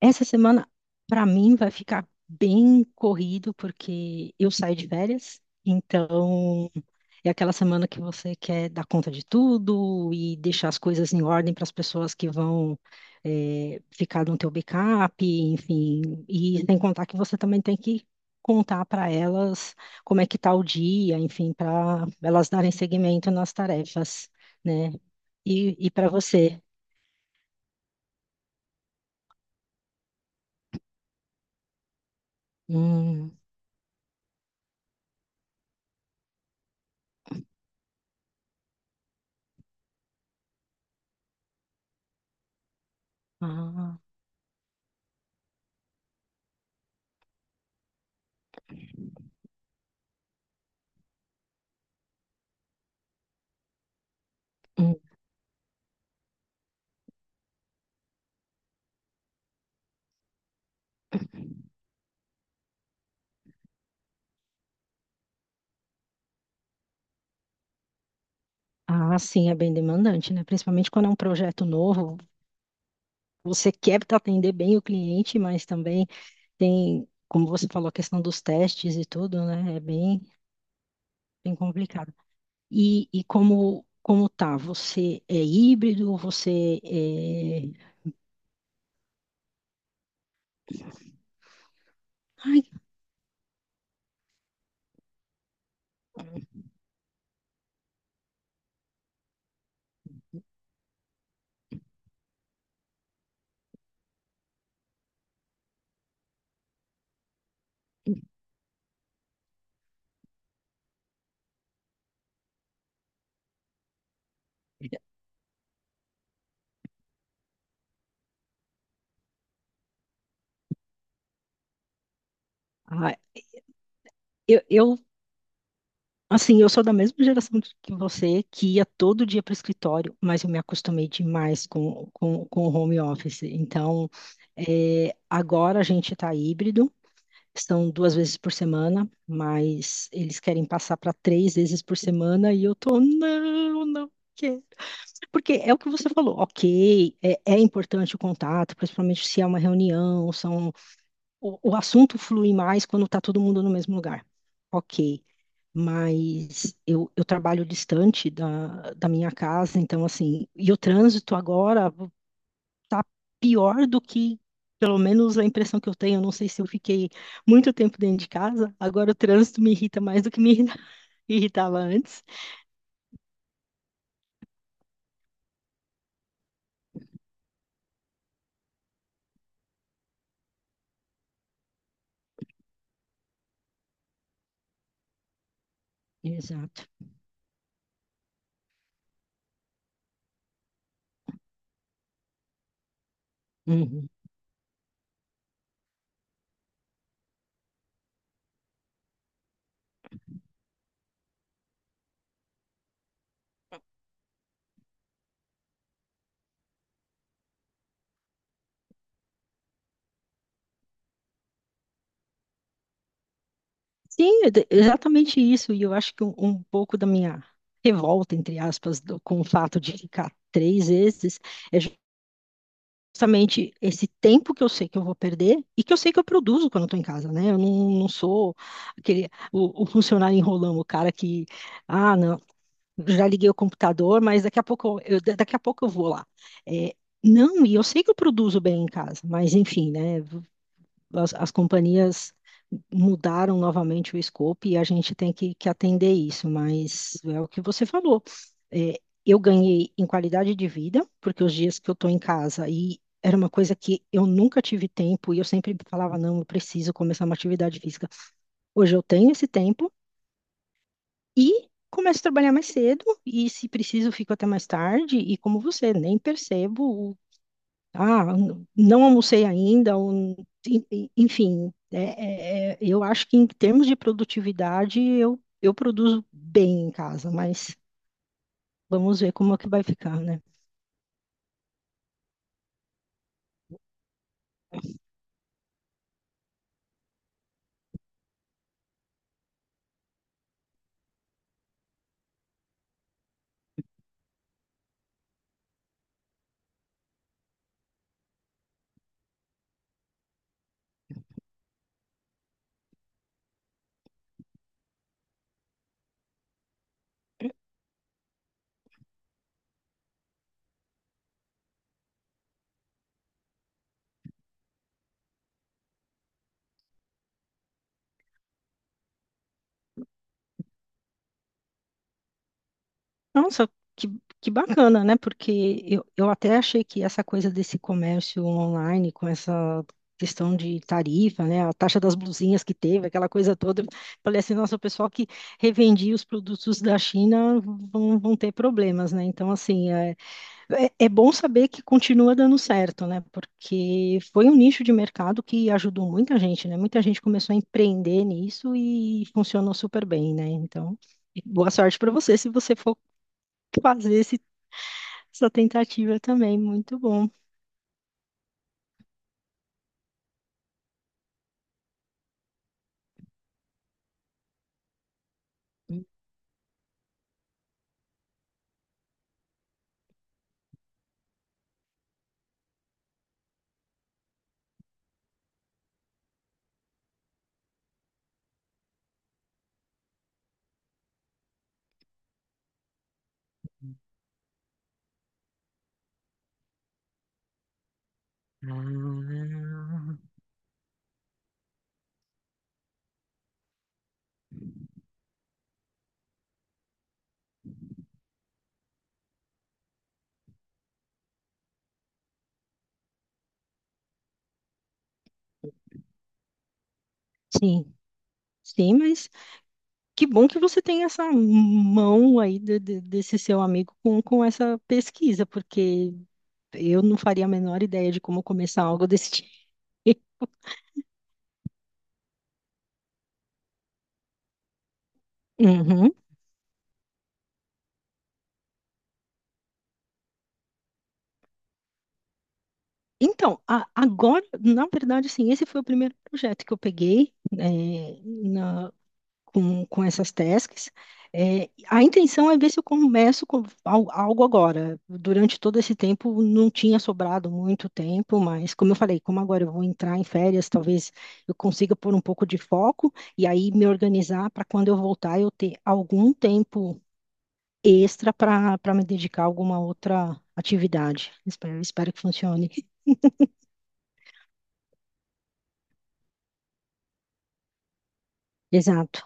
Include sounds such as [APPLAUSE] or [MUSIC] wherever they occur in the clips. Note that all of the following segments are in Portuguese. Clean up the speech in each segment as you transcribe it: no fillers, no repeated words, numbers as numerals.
Essa semana, para mim, vai ficar bem corrido, porque eu saio de férias, então é aquela semana que você quer dar conta de tudo e deixar as coisas em ordem para as pessoas que vão ficar no teu backup, enfim, e sem contar que você também tem que contar para elas como é que tá o dia, enfim, para elas darem seguimento nas tarefas, né? E para você? Hum, ah, hum. Ah, sim, é bem demandante, né? Principalmente quando é um projeto novo, você quer atender bem o cliente, mas também tem, como você falou, a questão dos testes e tudo, né? É bem, bem complicado. E como tá? Você é híbrido? Você é... Ai, ah, eu, eu, assim, eu sou da mesma geração que você, que ia todo dia para o escritório, mas eu me acostumei demais com, com o home office. Então, é, agora a gente está híbrido. São duas vezes por semana, mas eles querem passar para três vezes por semana e eu tô, não, não quero. Porque é o que você falou, ok, é, é importante o contato, principalmente se é uma reunião, são, o assunto flui mais quando tá todo mundo no mesmo lugar. Ok. Mas eu trabalho distante da minha casa, então, assim, e o trânsito agora, tá pior do que, pelo menos a impressão que eu tenho, eu não sei se eu fiquei muito tempo dentro de casa, agora o trânsito me irrita mais do que [LAUGHS] irritava antes. Exato. Uhum. Sim, é exatamente isso, e eu acho que um pouco da minha revolta, entre aspas, com o fato de ficar três vezes, é justamente esse tempo que eu sei que eu vou perder e que eu sei que eu produzo quando eu estou em casa, né? Eu não, não sou aquele, o funcionário enrolando, o cara que... Ah, não. Já liguei o computador, mas daqui a pouco daqui a pouco eu vou lá. É, não, e eu sei que eu produzo bem em casa, mas enfim, né? As companhias mudaram novamente o escopo e a gente tem que atender isso, mas é o que você falou. É, eu ganhei em qualidade de vida, porque os dias que eu estou em casa e era uma coisa que eu nunca tive tempo e eu sempre falava, não, eu preciso começar uma atividade física. Hoje eu tenho esse tempo, e começo a trabalhar mais cedo, e se preciso, fico até mais tarde, e como você, nem percebo, o- ah, não almocei ainda, ou enfim, é, eu acho que em termos de produtividade, eu produzo bem em casa, mas vamos ver como é que vai ficar, né? Nossa, que, que bacana, né? Porque eu até achei que essa coisa desse comércio online, com essa questão de tarifa, né? A taxa das blusinhas que teve, aquela coisa toda. Eu Falei assim, nossa, o pessoal que revendia os produtos da China vão, vão ter problemas, né? Então, assim, é bom saber que continua dando certo, né? Porque foi um nicho de mercado que ajudou muita gente, né? Muita gente começou a empreender nisso e funcionou super bem, né? Então, boa sorte para você se você for fazer essa tentativa também, muito bom. Sim, sim, mas que bom que você tem essa mão aí desse seu amigo com essa pesquisa, porque eu não faria a menor ideia de como começar algo desse tipo. Uhum. Então, agora, na verdade, assim, esse foi o primeiro projeto que eu peguei, com essas tasks. É, a intenção é ver se eu começo com algo agora. Durante todo esse tempo não tinha sobrado muito tempo, mas como eu falei, como agora eu vou entrar em férias, talvez eu consiga pôr um pouco de foco e aí me organizar para quando eu voltar eu ter algum tempo extra para me dedicar a alguma outra atividade. Espero, espero que funcione. [LAUGHS] Exato.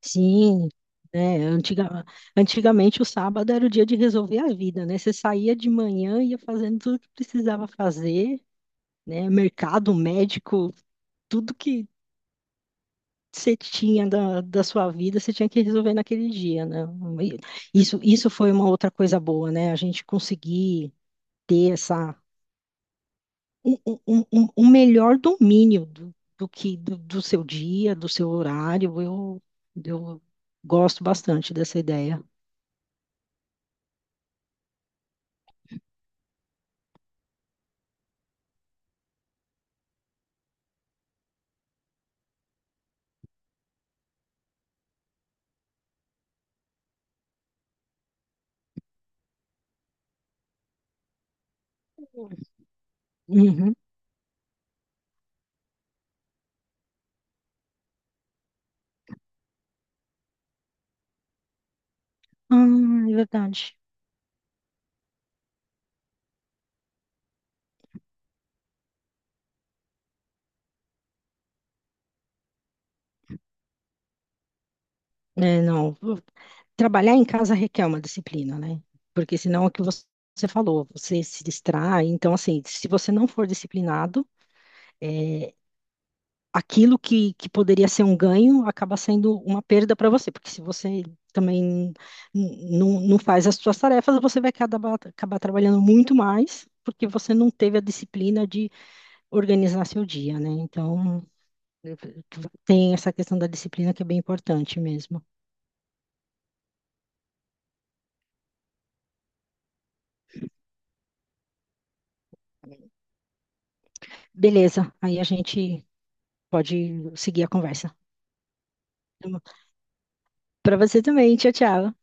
Sim, né? Antigamente o sábado era o dia de resolver a vida, né? Você saía de manhã, ia fazendo tudo que precisava fazer, né? Mercado, médico, tudo que você tinha da sua vida, você tinha que resolver naquele dia, né? E isso foi uma outra coisa boa, né? A gente conseguir ter essa um melhor domínio do seu dia, do seu horário. Eu gosto bastante dessa ideia. Uhum. Ah, é verdade. É, não. Trabalhar em casa requer uma disciplina, né? Porque senão é o que você falou, você se distrai. Então, assim, se você não for disciplinado, é, aquilo que poderia ser um ganho acaba sendo uma perda para você. Porque se você também não não faz as suas tarefas, você vai acabar trabalhando muito mais, porque você não teve a disciplina de organizar seu dia, né? Então, tem essa questão da disciplina que é bem importante mesmo. Beleza, aí a gente pode seguir a conversa. Para você também, tchau, tchau.